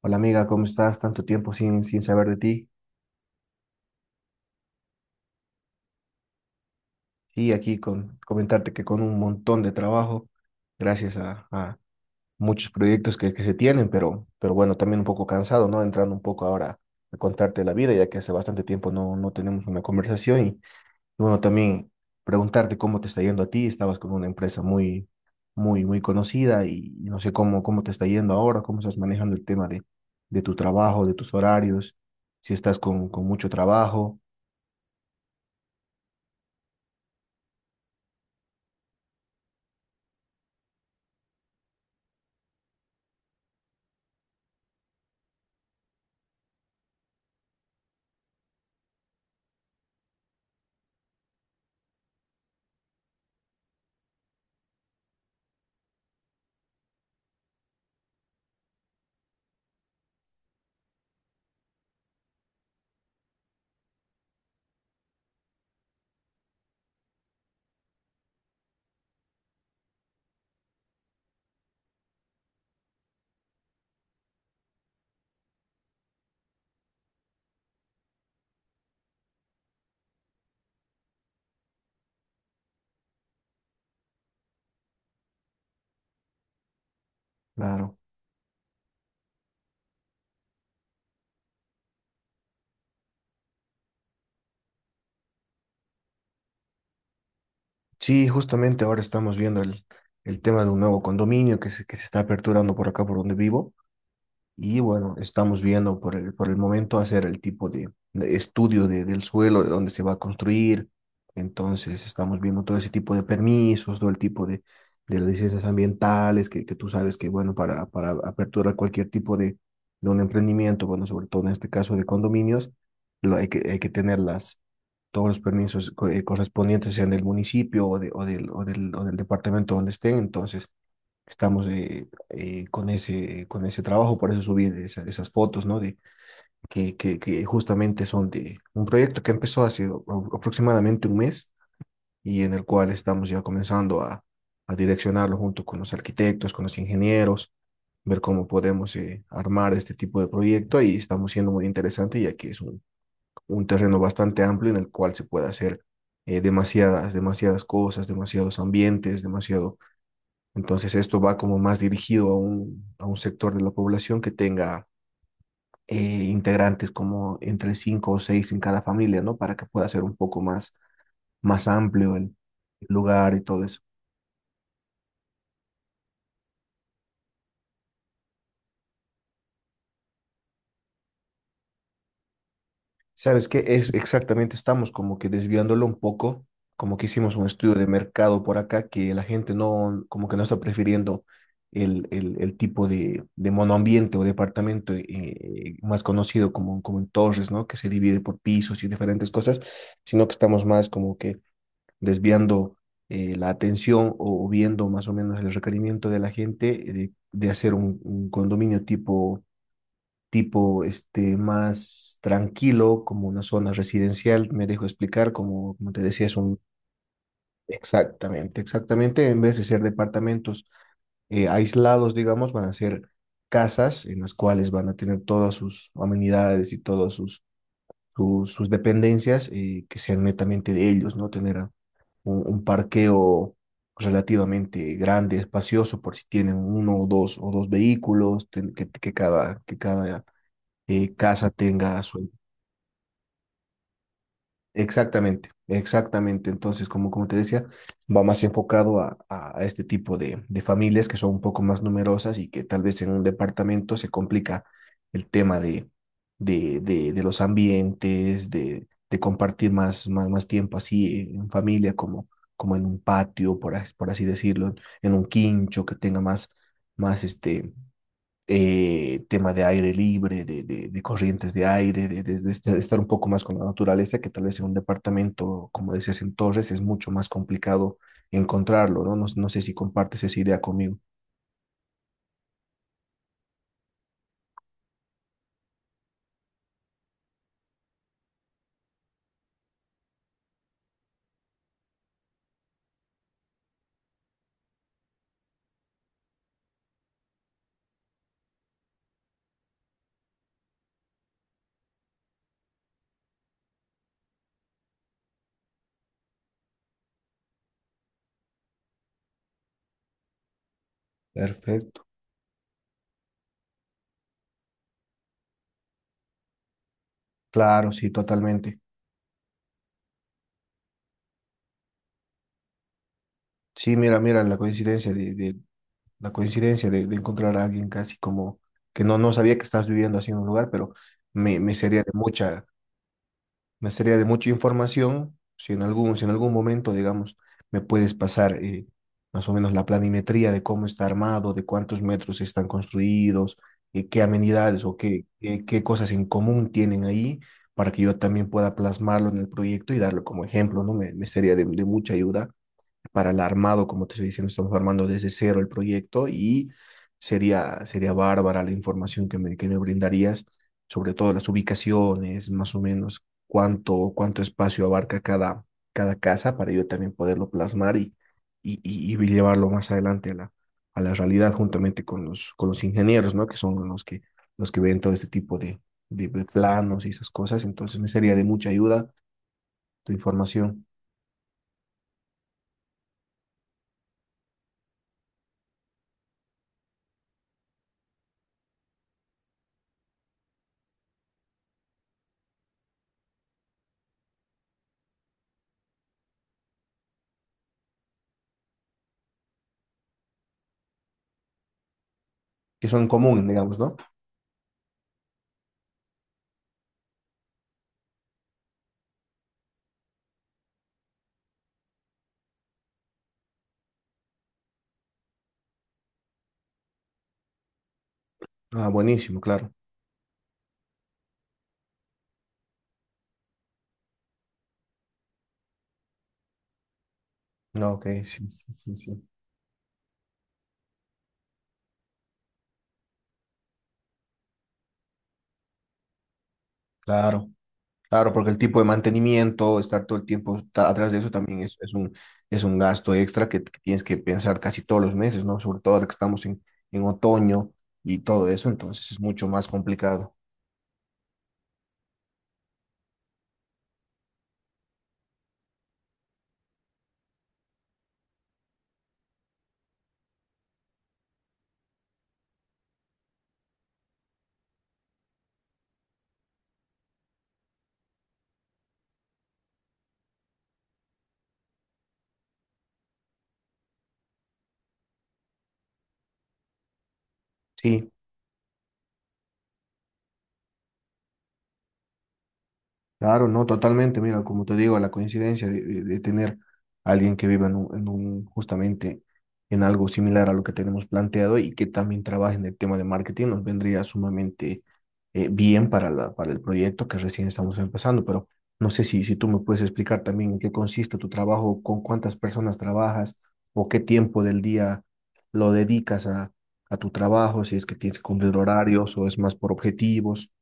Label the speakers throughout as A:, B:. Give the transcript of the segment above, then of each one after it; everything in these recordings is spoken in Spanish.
A: Hola amiga, ¿cómo estás? Tanto tiempo sin saber de ti. Y aquí con comentarte que con un montón de trabajo, gracias a muchos proyectos que se tienen, pero bueno, también un poco cansado, ¿no? Entrando un poco ahora a contarte la vida, ya que hace bastante tiempo no tenemos una conversación. Y bueno, también preguntarte cómo te está yendo a ti. Estabas con una empresa muy, muy, muy conocida y no sé cómo te está yendo ahora, cómo estás manejando el tema de tu trabajo, de tus horarios, si estás con mucho trabajo. Claro. Sí, justamente ahora estamos viendo el tema de un nuevo condominio que se está aperturando por acá, por donde vivo. Y bueno, estamos viendo por el momento hacer el tipo de estudio del suelo, de dónde se va a construir. Entonces, estamos viendo todo ese tipo de permisos, todo el tipo de licencias ambientales, que tú sabes que, bueno, para aperturar cualquier tipo de un emprendimiento, bueno, sobre todo en este caso de condominios, lo, hay que tener todos los permisos correspondientes, sean del municipio o, de, o, del, o, del, o del departamento donde estén. Entonces, estamos con con ese trabajo, por eso subí esas fotos, ¿no? De, que justamente son de un proyecto que empezó hace aproximadamente un mes y en el cual estamos ya comenzando a direccionarlo junto con los arquitectos, con los ingenieros, ver cómo podemos armar este tipo de proyecto y estamos siendo muy interesante ya que es un terreno bastante amplio en el cual se puede hacer demasiadas cosas, demasiados ambientes, demasiado, entonces esto va como más dirigido a a un sector de la población que tenga eh, integrantes como entre cinco o seis en cada familia, ¿no? Para que pueda ser un poco más, más amplio el lugar y todo eso. Sabes que es exactamente, estamos como que desviándolo un poco, como que hicimos un estudio de mercado por acá, que la gente no, como que no está prefiriendo el tipo de monoambiente o departamento más conocido como, como en torres, ¿no? Que se divide por pisos y diferentes cosas, sino que estamos más como que desviando la atención o viendo más o menos el requerimiento de la gente de hacer un condominio tipo, tipo este, más tranquilo, como una zona residencial, me dejo explicar, como, como te decía, es un... Exactamente, exactamente, en vez de ser departamentos aislados, digamos, van a ser casas en las cuales van a tener todas sus amenidades y todas sus, sus dependencias que sean netamente de ellos, ¿no? Tener un parqueo relativamente grande, espacioso, por si tienen uno o dos vehículos, que que cada casa tenga su. Exactamente, exactamente. Entonces, como, como te decía, va más enfocado a, a este tipo de familias que son un poco más numerosas y que tal vez en un departamento se complica el tema de los ambientes, de compartir más, más, más tiempo así en familia, como, como en un patio, por, por así decirlo, en un quincho que tenga más, más este tema de aire libre, de corrientes de aire, de estar un poco más con la naturaleza, que tal vez en un departamento, como decías en torres, es mucho más complicado encontrarlo, ¿no? No sé si compartes esa idea conmigo. Perfecto. Claro, sí, totalmente. Sí, mira, mira, la coincidencia la coincidencia de encontrar a alguien casi como que no sabía que estás viviendo así en un lugar, pero me sería de mucha, me sería de mucha información. Si en algún, si en algún momento, digamos, me puedes pasar más o menos la planimetría de cómo está armado, de cuántos metros están construidos, qué amenidades o qué cosas en común tienen ahí, para que yo también pueda plasmarlo en el proyecto y darlo como ejemplo, ¿no? Me sería de mucha ayuda para el armado, como te estoy diciendo, estamos armando desde cero el proyecto y sería, sería bárbara la información que me brindarías, sobre todo las ubicaciones, más o menos cuánto, cuánto espacio abarca cada, cada casa para yo también poderlo plasmar y llevarlo más adelante a a la realidad juntamente con los ingenieros, ¿no? Que son los que ven todo este tipo de planos y esas cosas. Entonces me sería de mucha ayuda tu información, que son comunes, digamos, ¿no? Ah, buenísimo, claro. No, ok, sí, sí, sí, sí. Claro, claro, porque el tipo de mantenimiento, estar todo el tiempo atrás de eso también es un gasto extra que tienes que pensar casi todos los meses, ¿no? Sobre todo ahora que estamos en otoño y todo eso, entonces es mucho más complicado. Sí, claro, no, totalmente. Mira, como te digo, la coincidencia de, de tener a alguien que viva en un, en justamente en algo similar a lo que tenemos planteado y que también trabaje en el tema de marketing nos vendría sumamente bien para para el proyecto que recién estamos empezando. Pero no sé si, si tú me puedes explicar también en qué consiste tu trabajo, con cuántas personas trabajas o qué tiempo del día lo dedicas a tu trabajo, si es que tienes que cumplir horarios o es más por objetivos.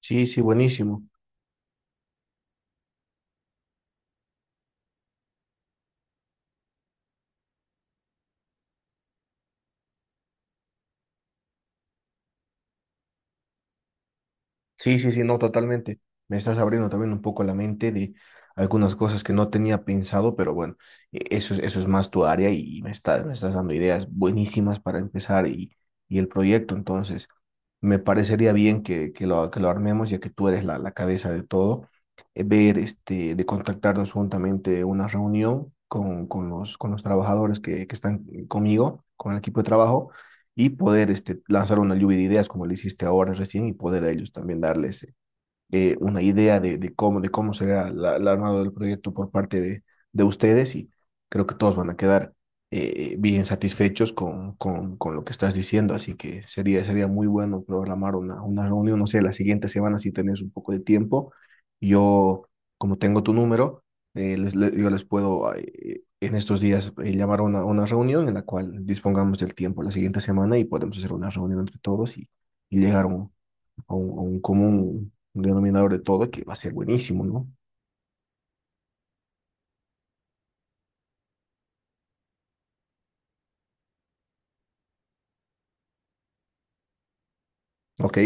A: Sí, sí, buenísimo. Sí, sí, sí, no, totalmente. Me estás abriendo también un poco la mente de algunas cosas que no tenía pensado, pero bueno, eso es más tu área y me estás dando ideas buenísimas para empezar y el proyecto. Entonces, me parecería bien que lo armemos, ya que tú eres la, la cabeza de todo, ver, este, de contactarnos juntamente una reunión con los trabajadores que están conmigo, con el equipo de trabajo y poder este, lanzar una lluvia de ideas como le hiciste ahora recién y poder a ellos también darles una idea de cómo será la, el armado del proyecto por parte de ustedes y creo que todos van a quedar bien satisfechos con lo que estás diciendo, así que sería, sería muy bueno programar una reunión, no sé, la siguiente semana si tenés un poco de tiempo. Yo, como tengo tu número, yo les puedo en estos días llamar a una reunión en la cual dispongamos del tiempo la siguiente semana y podemos hacer una reunión entre todos y llegar a un, a un, a un común denominador de todo que va a ser buenísimo, ¿no? Ok,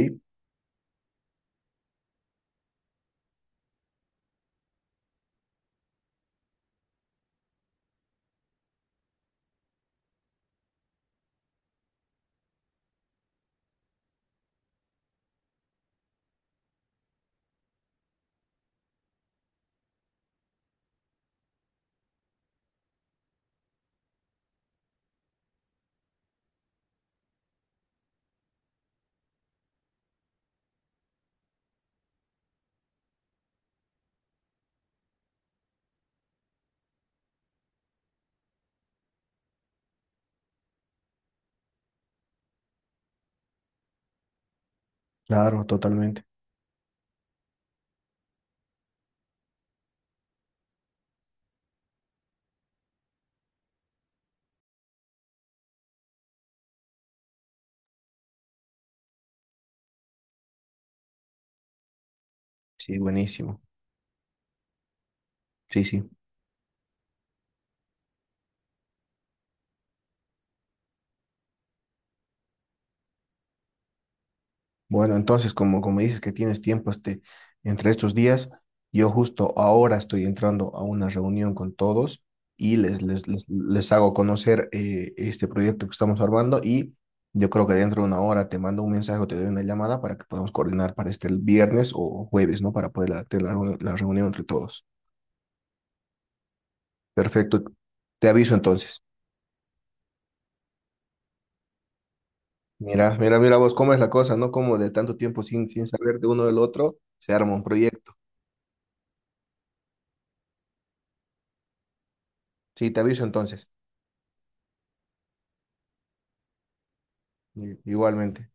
A: claro, totalmente. Sí, buenísimo. Sí, sí. Bueno, entonces, como, como dices que tienes tiempo este, entre estos días, yo justo ahora estoy entrando a una reunión con todos y les hago conocer este proyecto que estamos armando y yo creo que dentro de una hora te mando un mensaje o te doy una llamada para que podamos coordinar para este el viernes o jueves, ¿no? Para poder tener la reunión entre todos. Perfecto. Te aviso entonces. Mira, mira, mira vos cómo es la cosa, ¿no? Como de tanto tiempo sin saber de uno del otro, se arma un proyecto. Sí, te aviso entonces, igualmente.